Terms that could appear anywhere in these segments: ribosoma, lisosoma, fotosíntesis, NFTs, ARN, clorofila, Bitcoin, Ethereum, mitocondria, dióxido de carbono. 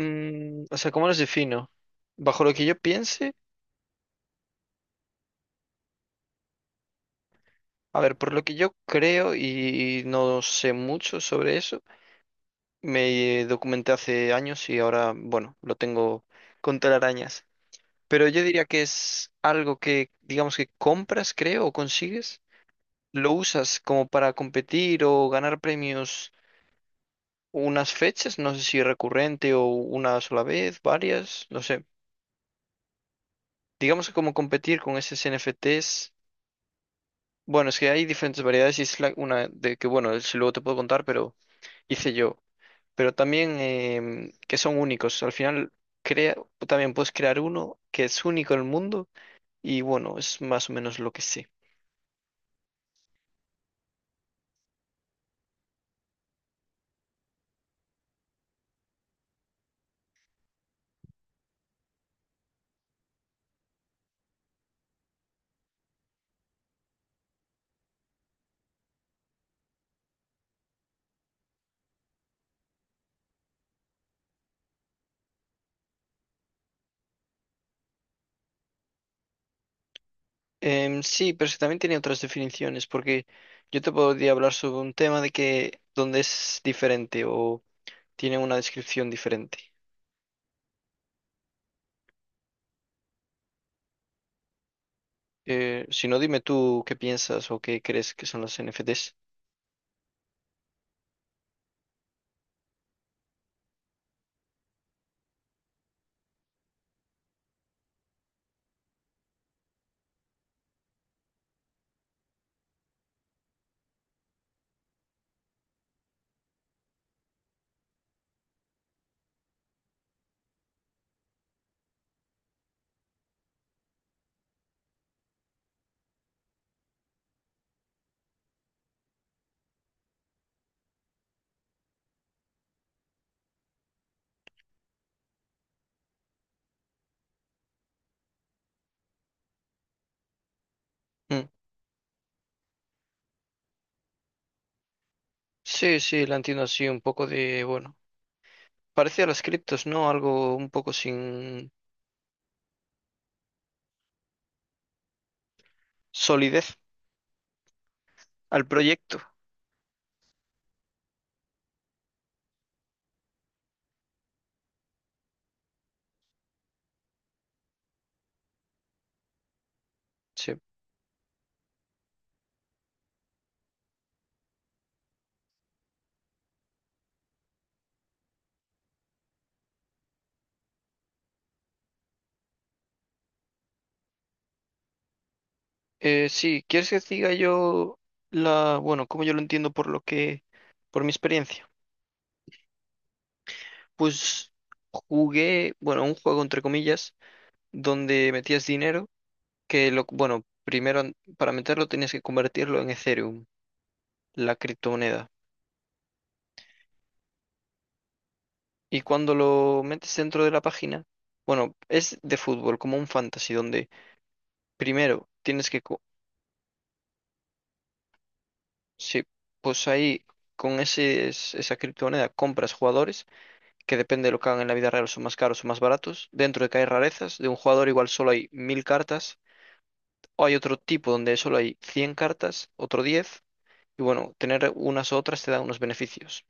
¿Cómo los defino? Bajo lo que yo piense, a ver, por lo que yo creo y no sé mucho sobre eso, me documenté hace años y ahora, bueno, lo tengo con telarañas. Pero yo diría que es algo que, digamos que compras, creo, o consigues, lo usas como para competir o ganar premios unas fechas, no sé si recurrente o una sola vez, varias, no sé. Digamos que como competir con esos NFTs. Bueno, es que hay diferentes variedades y es una de que, bueno, si luego te puedo contar, pero hice yo. Pero también que son únicos. Al final, crea, también puedes crear uno que es único en el mundo y, bueno, es más o menos lo que sé. Sí, pero es que también tiene otras definiciones, porque yo te podría hablar sobre un tema de que donde es diferente o tiene una descripción diferente. Si no, dime tú qué piensas o qué crees que son los NFTs. Mm. Sí, sí, la entiendo así, un poco de, bueno. Parecía las criptos, ¿no? Algo un poco sin solidez al proyecto. Sí. Sí, ¿quieres que te diga yo la, bueno, como yo lo entiendo por lo que, por mi experiencia? Pues jugué, bueno, un juego entre comillas, donde metías dinero, que lo, bueno, primero para meterlo tenías que convertirlo en Ethereum, la criptomoneda. Y cuando lo metes dentro de la página, bueno, es de fútbol, como un fantasy, donde primero tienes que co- Sí, pues ahí con ese, esa criptomoneda compras jugadores que depende de lo que hagan en la vida real son más caros o más baratos. Dentro de que hay rarezas, de un jugador igual solo hay mil cartas, o hay otro tipo donde solo hay 100 cartas, otro diez, y bueno, tener unas u otras te da unos beneficios.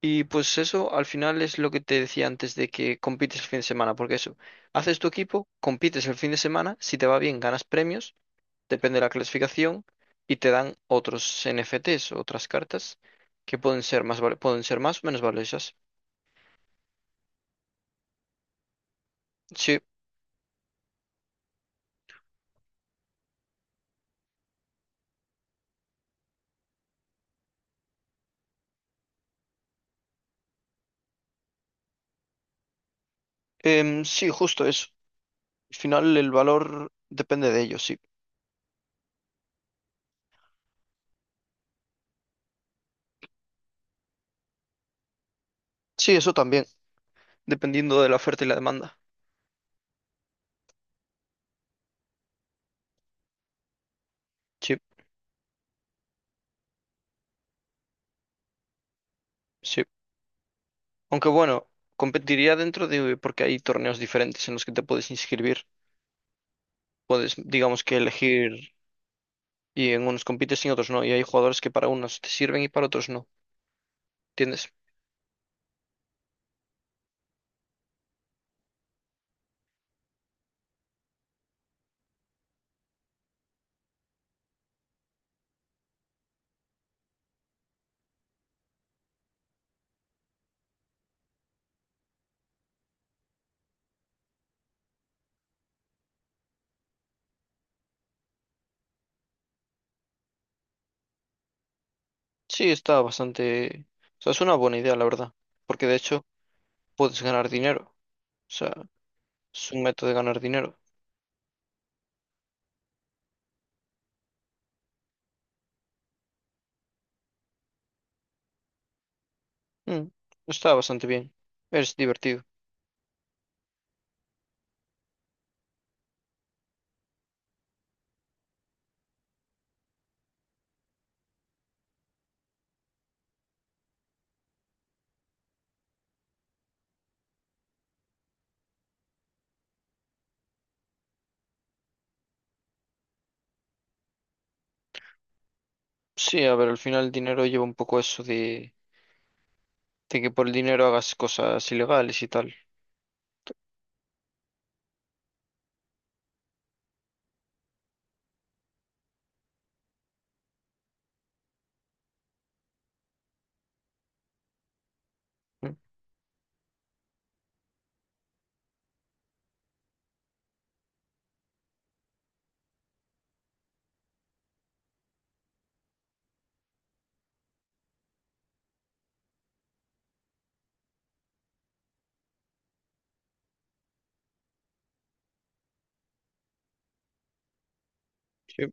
Y pues eso al final es lo que te decía antes de que compites el fin de semana, porque eso, haces tu equipo, compites el fin de semana, si te va bien ganas premios depende de la clasificación, y te dan otros NFTs, otras cartas, que pueden ser más, pueden ser más o menos valiosas. Sí, sí, justo eso. Al final el valor depende de ellos, sí. Sí, eso también, dependiendo de la oferta y la demanda. Sí, sí. Aunque bueno, competiría dentro de, porque hay torneos diferentes en los que te puedes inscribir. Puedes, digamos que elegir y en unos compites y en otros no. Y hay jugadores que para unos te sirven y para otros no. ¿Entiendes? Sí, está bastante... O sea, es una buena idea, la verdad. Porque de hecho puedes ganar dinero. O sea, es un método de ganar dinero. Mm, está bastante bien. Es divertido. Sí, a ver, al final el dinero lleva un poco eso de que por el dinero hagas cosas ilegales y tal. Mm. Sí.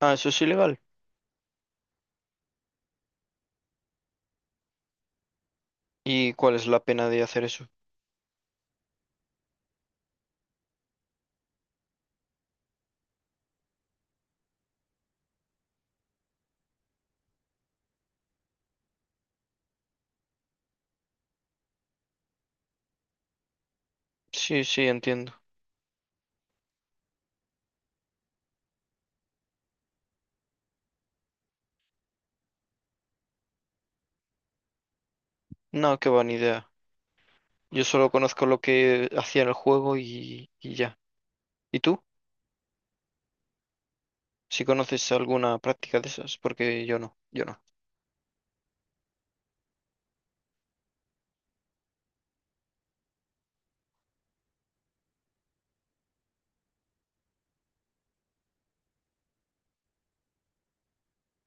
Ah, eso es ilegal. ¿Y cuál es la pena de hacer eso? Sí, sí, entiendo. No, qué buena idea. Yo solo conozco lo que hacía en el juego y ya. ¿Y tú? ¿Si conoces alguna práctica de esas? Porque yo no, yo no.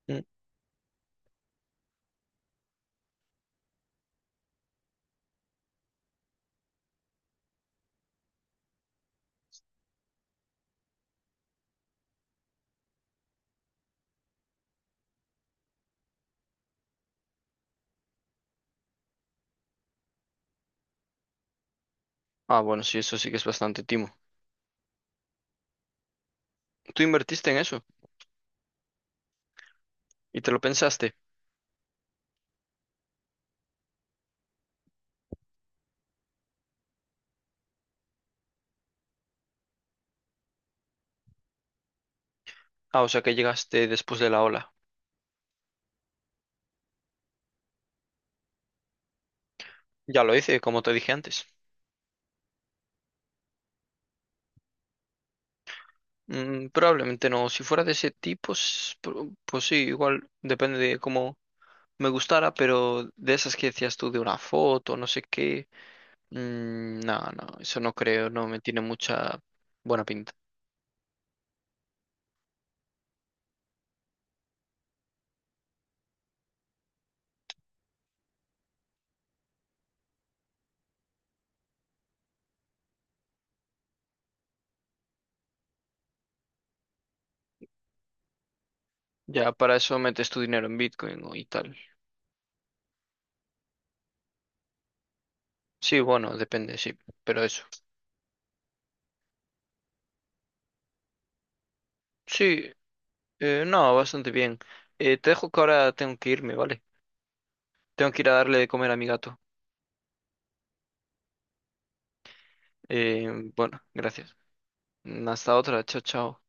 Mm. Ah, bueno, sí, eso sí que es bastante timo. Tú invertiste en eso y te lo pensaste. Ah, o sea que llegaste después de la ola. Ya lo hice, como te dije antes. Mm, probablemente no. Si fuera de ese tipo, pues sí, igual depende de cómo me gustara, pero de esas que decías tú de una foto, no sé qué. Mm, no, no, eso no creo, no me tiene mucha buena pinta. Ya para eso metes tu dinero en Bitcoin o- y tal. Sí, bueno, depende, sí, pero eso. Sí, no, bastante bien. Te dejo que ahora tengo que irme, ¿vale? Tengo que ir a darle de comer a mi gato. Bueno, gracias. Mm, hasta otra. Chao, chao.